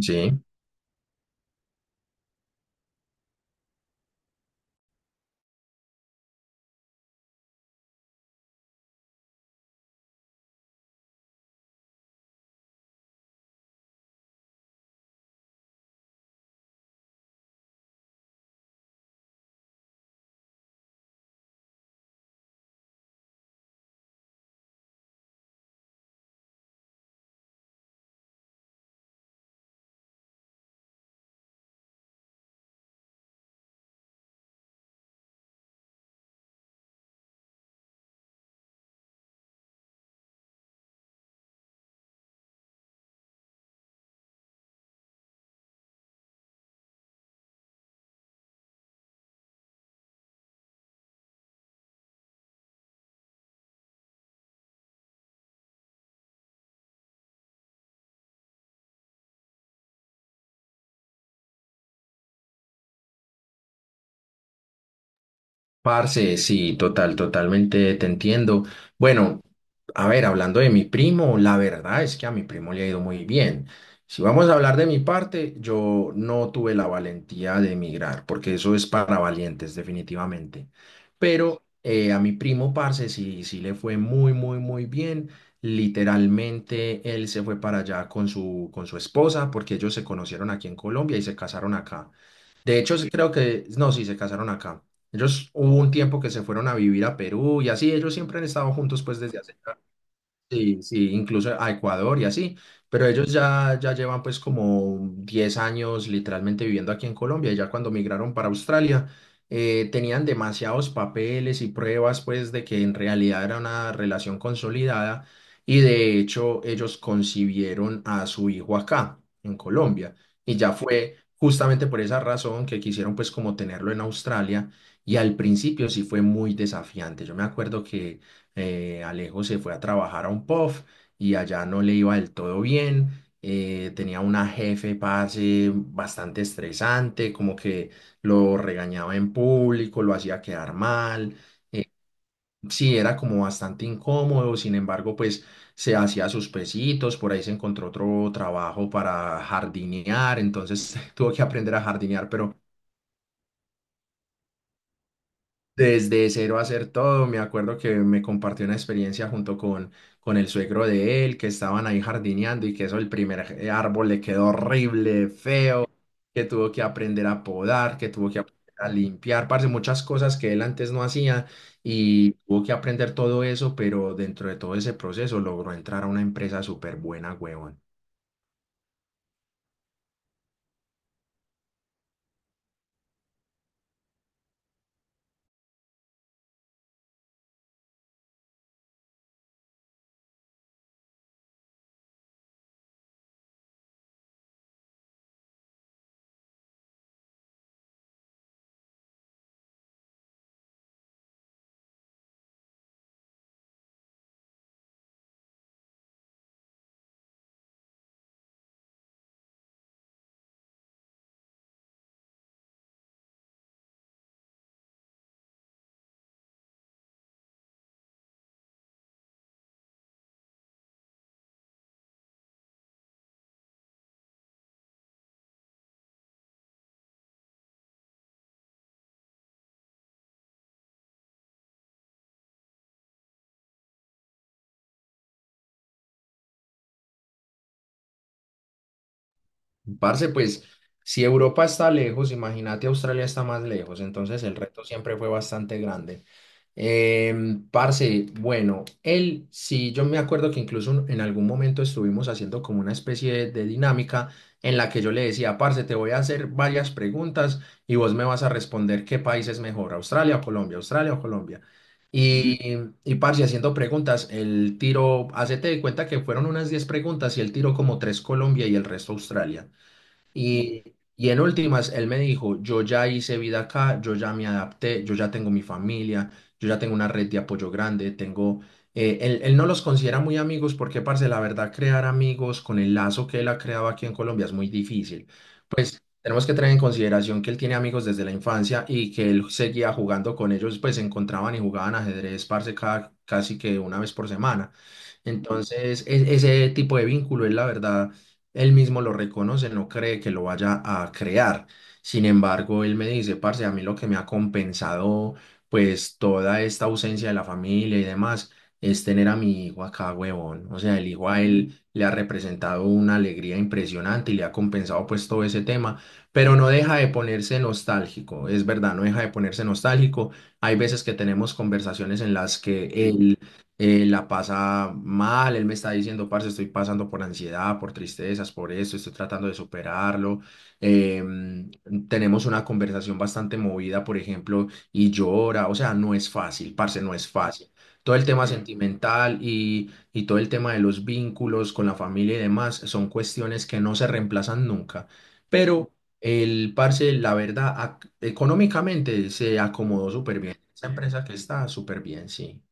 Sí, parce, sí, total, totalmente te entiendo. Bueno, a ver, hablando de mi primo, la verdad es que a mi primo le ha ido muy bien. Si vamos a hablar de mi parte, yo no tuve la valentía de emigrar, porque eso es para valientes, definitivamente. Pero a mi primo, parce, sí, sí le fue muy, muy, muy bien. Literalmente, él se fue para allá con su esposa, porque ellos se conocieron aquí en Colombia y se casaron acá. De hecho, sí creo que, no, sí, se casaron acá. Ellos hubo un tiempo que se fueron a vivir a Perú y así, ellos siempre han estado juntos pues desde hace ya. Sí, sí, incluso a Ecuador y así, pero ellos ya llevan pues como 10 años literalmente viviendo aquí en Colombia, y ya cuando migraron para Australia tenían demasiados papeles y pruebas pues de que en realidad era una relación consolidada, y de hecho ellos concibieron a su hijo acá en Colombia, y ya fue justamente por esa razón que quisieron pues como tenerlo en Australia. Y al principio sí fue muy desafiante. Yo me acuerdo que Alejo se fue a trabajar a un pub y allá no le iba del todo bien. Tenía una jefe, parce, bastante estresante, como que lo regañaba en público, lo hacía quedar mal. Sí, era como bastante incómodo, sin embargo, pues se hacía sus pesitos, por ahí se encontró otro trabajo para jardinear, entonces tuvo que aprender a jardinear, pero desde cero hacer todo. Me acuerdo que me compartió una experiencia junto con el suegro de él, que estaban ahí jardineando, y que eso, el primer árbol le quedó horrible, feo, que tuvo que aprender a podar, que tuvo que aprender a limpiar, parce, muchas cosas que él antes no hacía y tuvo que aprender todo eso. Pero dentro de todo ese proceso logró entrar a una empresa súper buena, huevón. Parce, pues si Europa está lejos, imagínate, Australia está más lejos, entonces el reto siempre fue bastante grande. Parce, bueno, él, sí, yo me acuerdo que incluso en algún momento estuvimos haciendo como una especie de dinámica en la que yo le decía, parce, te voy a hacer varias preguntas, y vos me vas a responder qué país es mejor, Australia o Colombia, Australia o Colombia. Y, y, parce, haciendo preguntas, el tiro, hacete de cuenta que fueron unas 10 preguntas, y el tiro como tres Colombia y el resto Australia. Y, y, en últimas, él me dijo, yo ya hice vida acá, yo ya me adapté, yo ya tengo mi familia, yo ya tengo una red de apoyo grande, tengo... Él no los considera muy amigos porque, parce, la verdad, crear amigos con el lazo que él ha creado aquí en Colombia es muy difícil. Tenemos que tener en consideración que él tiene amigos desde la infancia y que él seguía jugando con ellos, pues se encontraban y jugaban ajedrez, parce, casi que una vez por semana. Entonces, ese tipo de vínculo, él la verdad, él mismo lo reconoce, no cree que lo vaya a crear. Sin embargo, él me dice, parce, a mí lo que me ha compensado, pues, toda esta ausencia de la familia y demás, es tener a mi hijo acá, huevón. O sea, el hijo a él le ha representado una alegría impresionante y le ha compensado, pues, todo ese tema, pero no deja de ponerse nostálgico, es verdad, no deja de ponerse nostálgico. Hay veces que tenemos conversaciones en las que sí. Él la pasa mal, él me está diciendo, parce, estoy pasando por ansiedad, por tristezas, por esto, estoy tratando de superarlo. Em, Tenemos una conversación bastante movida, por ejemplo, y llora. O sea, no es fácil, parce, no es fácil. Todo el tema sentimental y todo el tema de los vínculos con la familia y demás son cuestiones que no se reemplazan nunca, pero el parce, la verdad, económicamente se acomodó súper bien. Esa empresa que está súper bien, sí.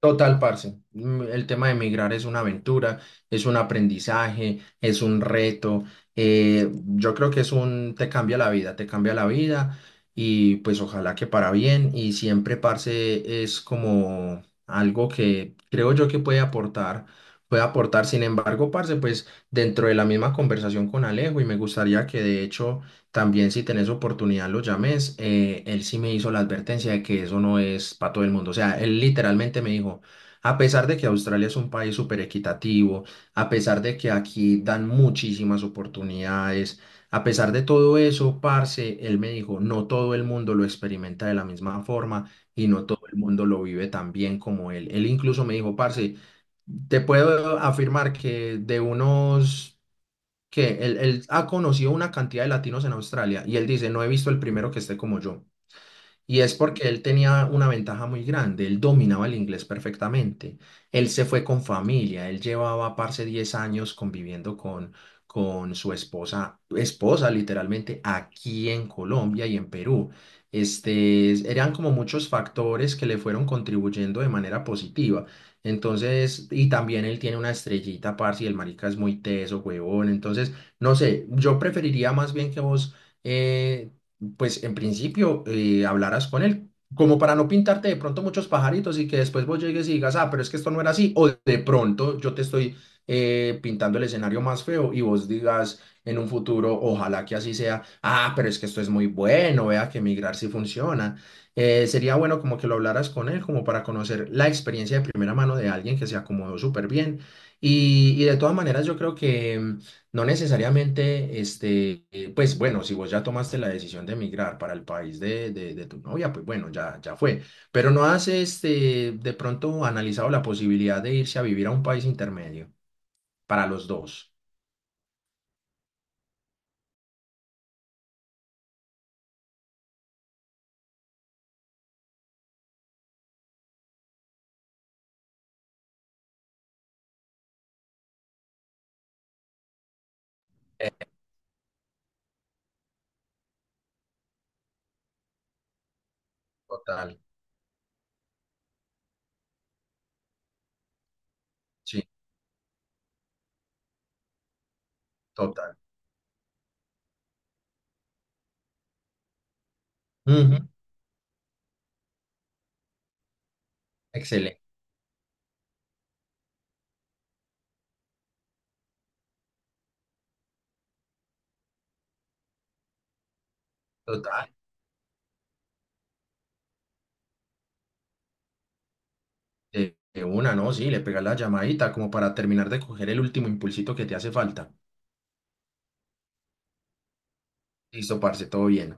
Total, parce. El tema de emigrar es una aventura, es un aprendizaje, es un reto. Yo creo que es un, te cambia la vida, te cambia la vida, y pues ojalá que para bien. Y siempre, parce, es como algo que creo yo que puede aportar, puede aportar. Sin embargo, parce, pues dentro de la misma conversación con Alejo, y me gustaría que de hecho también, si tenés oportunidad, lo llames. Él sí me hizo la advertencia de que eso no es para todo el mundo. O sea, él literalmente me dijo, a pesar de que Australia es un país súper equitativo, a pesar de que aquí dan muchísimas oportunidades, a pesar de todo eso, parce, él me dijo, no todo el mundo lo experimenta de la misma forma y no todo el mundo lo vive tan bien como él. Él incluso me dijo, parce, te puedo afirmar que de unos que él ha conocido una cantidad de latinos en Australia, y él dice, no he visto el primero que esté como yo. Y es porque él tenía una ventaja muy grande, él dominaba el inglés perfectamente, él se fue con familia, él llevaba, parce, 10 años conviviendo con su esposa, esposa literalmente, aquí en Colombia y en Perú. Este, eran como muchos factores que le fueron contribuyendo de manera positiva. Entonces, y también él tiene una estrellita, parce, y el marica es muy teso, huevón. Entonces, no sé, yo preferiría más bien que vos eh, pues en principio hablaras con él, como para no pintarte de pronto muchos pajaritos, y que después vos llegues y digas, ah, pero es que esto no era así, o de pronto yo te estoy pintando el escenario más feo y vos digas en un futuro, ojalá que así sea, ah, pero es que esto es muy bueno, vea que migrar sí funciona. Sería bueno como que lo hablaras con él, como para conocer la experiencia de primera mano de alguien que se acomodó súper bien. Y de todas maneras, yo creo que... No necesariamente, pues bueno, si vos ya tomaste la decisión de emigrar para el país de, de tu novia, pues bueno, ya, ya fue. Pero no has, de pronto, analizado la posibilidad de irse a vivir a un país intermedio para los dos. Total, sí, total. Ujú. Excelente, total. De una, ¿no? Sí, le pegas la llamadita como para terminar de coger el último impulsito que te hace falta. Listo, parce, todo bien.